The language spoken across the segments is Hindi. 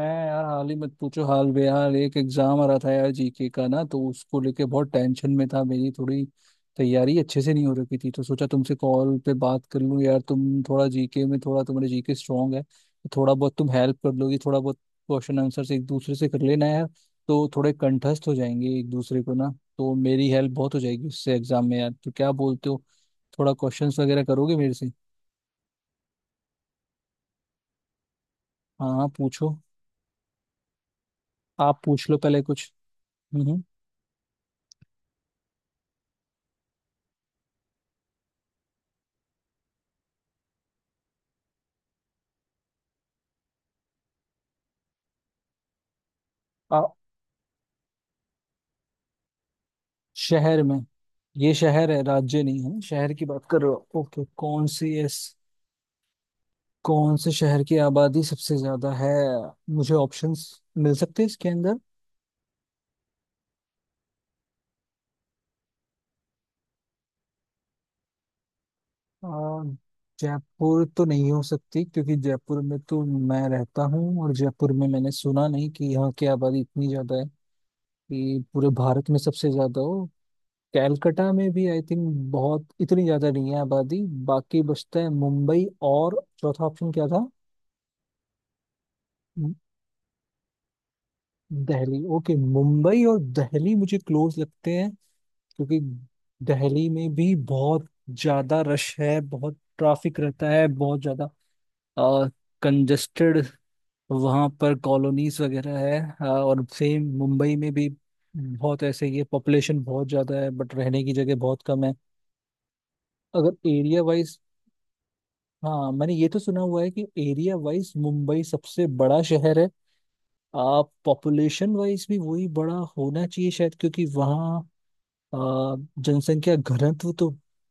है यार, हाल ही मत पूछो, हाल बेहाल। एक एग्जाम आ रहा था यार, जीके का ना, तो उसको लेके बहुत टेंशन में था। मेरी थोड़ी तैयारी अच्छे से नहीं हो रखी थी, तो सोचा तुमसे कॉल पे बात कर लूं यार। तुम थोड़ा जीके में, थोड़ा तुम्हारे जीके स्ट्रांग है, तो थोड़ा बहुत तुम हेल्प कर लोगी। थोड़ा बहुत क्वेश्चन आंसर एक दूसरे से कर लेना यार, तो थोड़े कंठस्थ हो जाएंगे एक दूसरे को ना। तो मेरी हेल्प बहुत हो जाएगी उससे एग्जाम में यार। तो क्या बोलते हो, थोड़ा क्वेश्चंस वगैरह करोगे मेरे से? हाँ हाँ, पूछो। आप पूछ लो पहले कुछ। हम्म। हम्म। शहर में। ये शहर है राज्य नहीं है, शहर की बात कर रहे हो? ओके। कौन सी इस कौन से शहर की आबादी सबसे ज्यादा है? मुझे ऑप्शंस मिल सकते हैं इसके अंदर? आ, जयपुर तो नहीं हो सकती, क्योंकि जयपुर में तो मैं रहता हूँ और जयपुर में मैंने सुना नहीं कि यहाँ की आबादी इतनी ज्यादा है कि पूरे भारत में सबसे ज्यादा हो। कैलकटा में भी आई थिंक बहुत इतनी ज्यादा नहीं है आबादी। बाकी बचता है मुंबई। और चौथा ऑप्शन क्या था? दिल्ली। ओके, मुंबई और दिल्ली मुझे क्लोज लगते हैं, क्योंकि दिल्ली में भी बहुत ज्यादा रश है, बहुत ट्रैफिक रहता है, बहुत ज्यादा कंजेस्टेड। वहाँ पर कॉलोनीज वगैरह है। और सेम मुंबई में भी बहुत ऐसे ही है। पॉपुलेशन बहुत ज्यादा है बट रहने की जगह बहुत कम है अगर एरिया वाइज। हाँ, मैंने ये तो सुना हुआ है कि एरिया वाइज मुंबई सबसे बड़ा शहर है। आप पॉपुलेशन वाइज भी वही बड़ा होना चाहिए शायद, क्योंकि वहाँ अ, जनसंख्या घनत्व तो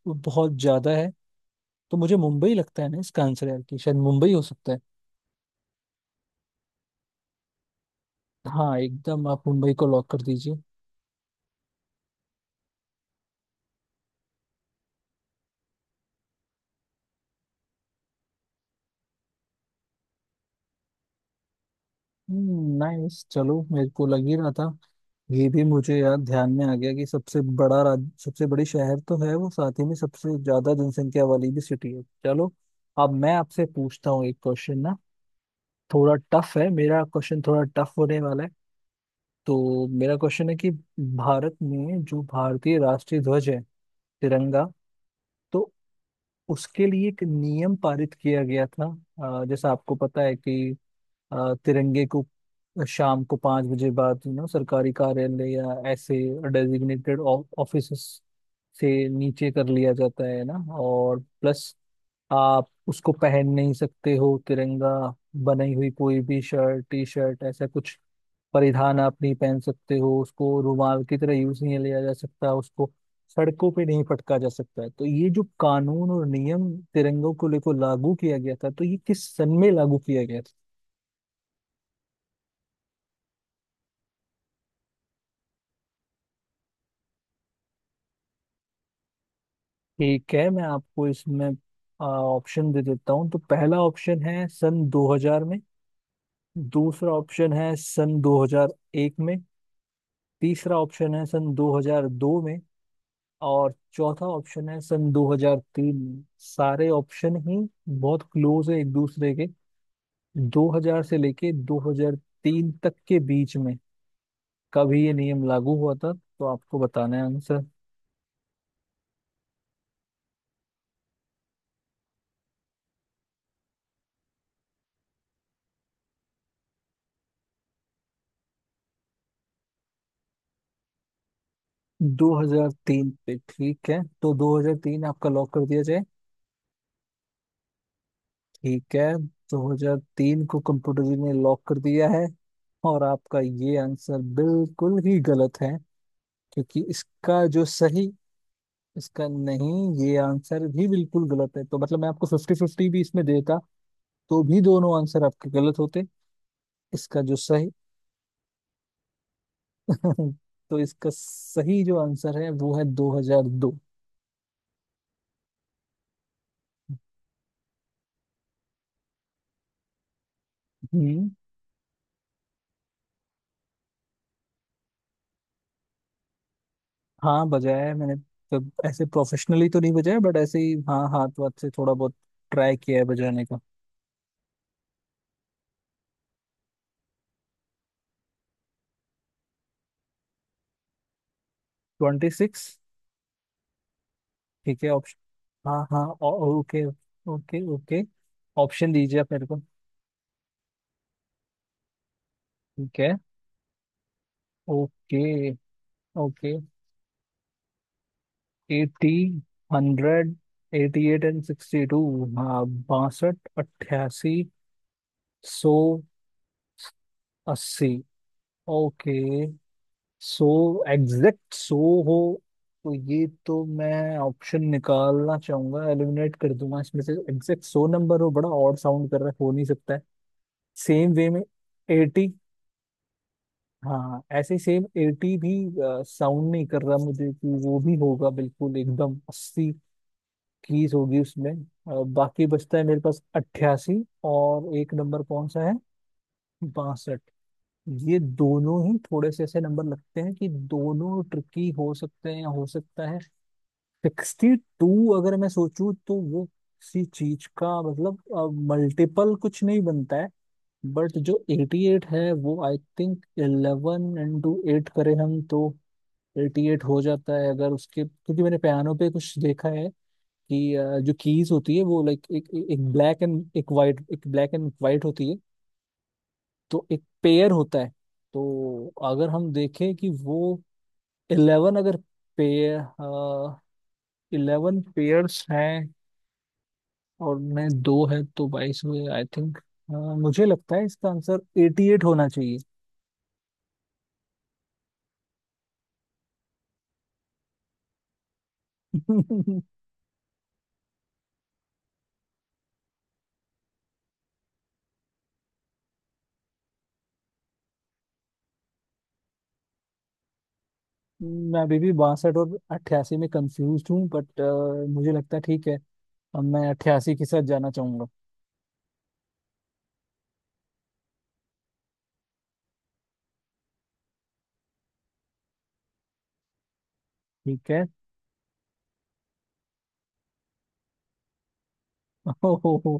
बहुत ज्यादा है। तो मुझे मुंबई लगता है ना इसका आंसर यार, कि शायद मुंबई हो सकता है। हाँ एकदम, आप मुंबई को लॉक कर दीजिए। नाइस, चलो। मेरे को लग ही रहा था। ये भी मुझे यार ध्यान में आ गया कि सबसे बड़ा राज सबसे बड़ी शहर तो है वो, साथ ही में सबसे ज्यादा जनसंख्या वाली भी सिटी है। चलो, अब मैं आपसे पूछता हूँ एक क्वेश्चन ना। थोड़ा टफ है मेरा क्वेश्चन, थोड़ा टफ होने वाला है। तो मेरा क्वेश्चन है कि भारत में जो भारतीय राष्ट्रीय ध्वज है, तिरंगा, तो उसके लिए एक नियम पारित किया गया था। जैसा आपको पता है कि तिरंगे को शाम को पाँच बजे बाद सरकारी कार्यालय या ऐसे डेजिग्नेटेड ऑफिस से नीचे कर लिया जाता है ना। और प्लस आप उसको पहन नहीं सकते हो। तिरंगा बनाई हुई कोई भी शर्ट, टी शर्ट, ऐसा कुछ परिधान आप नहीं पहन सकते हो। उसको रुमाल की तरह यूज नहीं लिया जा सकता, उसको सड़कों पे नहीं फटका जा सकता है। तो ये जो कानून और नियम तिरंगों को लेकर लागू किया गया था, तो ये किस सन में लागू किया गया था? ठीक है, मैं आपको इसमें ऑप्शन दे देता हूँ। तो पहला ऑप्शन है सन 2000 में, दूसरा ऑप्शन है सन 2001 में, तीसरा ऑप्शन है सन 2002 में, और चौथा ऑप्शन है सन 2003 में। सारे ऑप्शन ही बहुत क्लोज है एक दूसरे के। 2000 से लेके 2003 तक के बीच में कब ये नियम लागू हुआ था, तो आपको बताना है आंसर। 2003 पे? ठीक है, तो 2003 आपका लॉक कर दिया जाए। ठीक है, 2003 को कंप्यूटर जी ने लॉक कर दिया है। और आपका ये आंसर बिल्कुल ही गलत है, क्योंकि इसका जो सही, इसका नहीं, ये आंसर भी बिल्कुल गलत है। तो मतलब मैं आपको फिफ्टी फिफ्टी भी इसमें देता तो भी दोनों आंसर आपके गलत होते। इसका जो सही तो इसका सही जो आंसर है वो है 2002। हम्म। हाँ, बजाया है मैंने। जब ऐसे प्रोफेशनली तो नहीं बजाया, बट ऐसे ही, हाँ, हाथ वाथ से थोड़ा बहुत ट्राई किया है बजाने का। Twenty six. ठीक है, ऑप्शन। हाँ हाँ, ओके ओके ओके, ऑप्शन दीजिए आप मेरे को। ठीक है। Okay okay. Eighty, hundred, eighty eight and sixty two. हाँ। बासठ, अट्ठासी, सौ, अस्सी। ओके। सो एग्जैक्ट सो हो, तो ये तो मैं ऑप्शन निकालना चाहूंगा, एलिमिनेट कर दूंगा इसमें से। एग्जैक्ट सो नंबर हो, बड़ा ऑड साउंड कर रहा है, हो नहीं सकता है। सेम वे में एटी, हाँ ऐसे ही, सेम एटी भी साउंड नहीं कर रहा मुझे कि वो भी होगा, बिल्कुल एकदम अस्सी कीज होगी उसमें। बाकी बचता है मेरे पास अट्ठासी और एक नंबर, कौन सा है? बासठ। ये दोनों ही थोड़े से ऐसे नंबर लगते हैं कि दोनों ट्रिकी हो सकते हैं। या हो सकता है सिक्सटी टू अगर मैं सोचूं तो वो किसी चीज का मतलब मल्टीपल कुछ नहीं बनता है। बट जो एटी एट है, वो I think eleven into eight करें हम, तो एटी एट हो जाता है। अगर उसके, क्योंकि मैंने पियानो पे कुछ देखा है कि जो कीज होती है वो लाइक एक एक ब्लैक एंड एक वाइट, एक ब्लैक एंड वाइट होती है। तो एक पेयर होता है। तो अगर हम देखें कि वो इलेवन, अगर पेयर, इलेवन पेयर्स हैं, और मैं दो है तो बाईस हुए आई थिंक। मुझे लगता है इसका आंसर एटी एट होना चाहिए। मैं अभी भी बासठ और अट्ठासी में कंफ्यूज हूँ, बट मुझे लगता है ठीक है, अब मैं अट्ठासी के साथ जाना चाहूंगा। ठीक है। ओहो,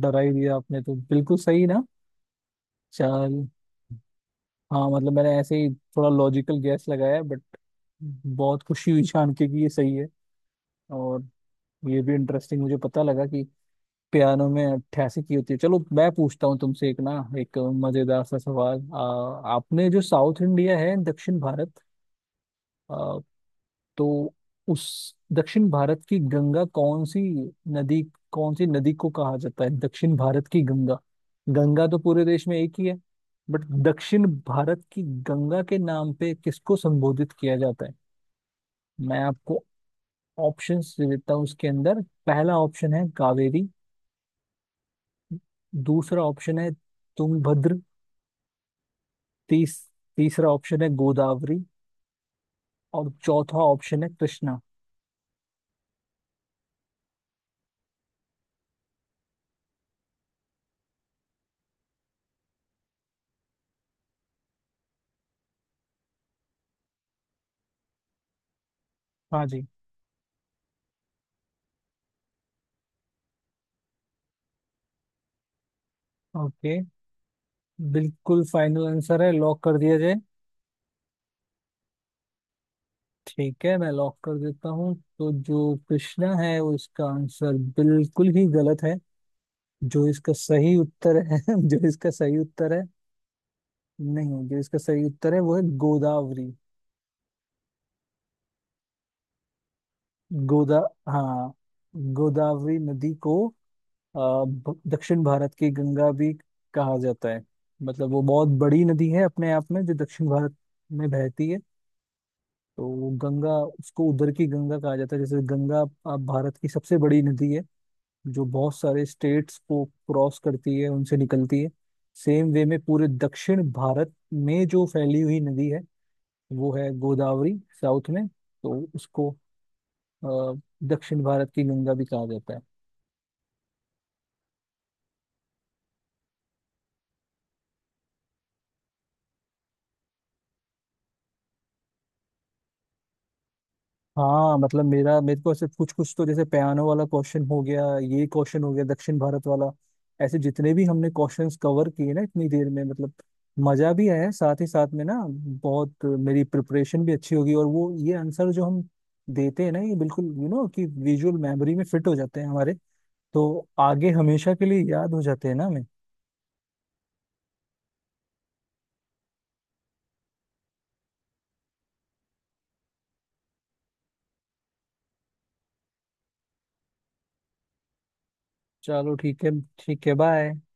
डरा ही दिया आपने तो। बिल्कुल सही ना, चल। हाँ मतलब मैंने ऐसे ही थोड़ा लॉजिकल गैस लगाया, बट बहुत खुशी हुई जान के कि ये सही है। और ये भी इंटरेस्टिंग मुझे पता लगा कि पियानो में अट्ठासी की होती है। चलो, मैं पूछता हूँ तुमसे एक ना, एक मजेदार सा सवाल। आपने जो साउथ इंडिया है, दक्षिण भारत, आ, तो उस दक्षिण भारत की गंगा कौन सी नदी, कौन सी नदी को कहा जाता है दक्षिण भारत की गंगा? गंगा तो पूरे देश में एक ही है, बट दक्षिण भारत की गंगा के नाम पे किसको संबोधित किया जाता है? मैं आपको ऑप्शंस दे देता हूँ उसके अंदर। पहला ऑप्शन है कावेरी, दूसरा ऑप्शन है तुंगभद्र, तीस तीसरा ऑप्शन है गोदावरी, और चौथा ऑप्शन है कृष्णा। हाँ जी। ओके, बिल्कुल फाइनल आंसर है, लॉक कर दिया जाए? ठीक है, मैं लॉक कर देता हूँ। तो जो कृष्णा है वो इसका आंसर बिल्कुल ही गलत है। जो इसका सही उत्तर है जो इसका सही उत्तर है, नहीं, जो इसका सही उत्तर है वो है गोदावरी। गोदा। हाँ। गोदावरी नदी को दक्षिण भारत की गंगा भी कहा जाता है। मतलब वो बहुत बड़ी नदी है अपने आप में, जो दक्षिण भारत में बहती है। तो वो गंगा, उसको उधर की गंगा कहा जाता है। जैसे गंगा भारत की सबसे बड़ी नदी है, जो बहुत सारे स्टेट्स को क्रॉस करती है, उनसे निकलती है। सेम वे में पूरे दक्षिण भारत में जो फैली हुई नदी है वो है गोदावरी साउथ में। तो उसको अ, दक्षिण भारत की गंगा भी कहा जाता है। हाँ मतलब मेरा मेरे को ऐसे कुछ कुछ तो, जैसे पियानो वाला क्वेश्चन हो गया, ये क्वेश्चन हो गया दक्षिण भारत वाला, ऐसे जितने भी हमने क्वेश्चंस कवर किए ना इतनी देर में, मतलब मजा भी आया साथ ही साथ में ना। बहुत मेरी प्रिपरेशन भी अच्छी होगी। और वो ये आंसर जो हम देते हैं ना, ये बिल्कुल कि विजुअल मेमोरी में फिट हो जाते हैं हमारे। तो आगे हमेशा के लिए याद हो जाते हैं ना हमें। चलो ठीक है। ठीक है, बाय।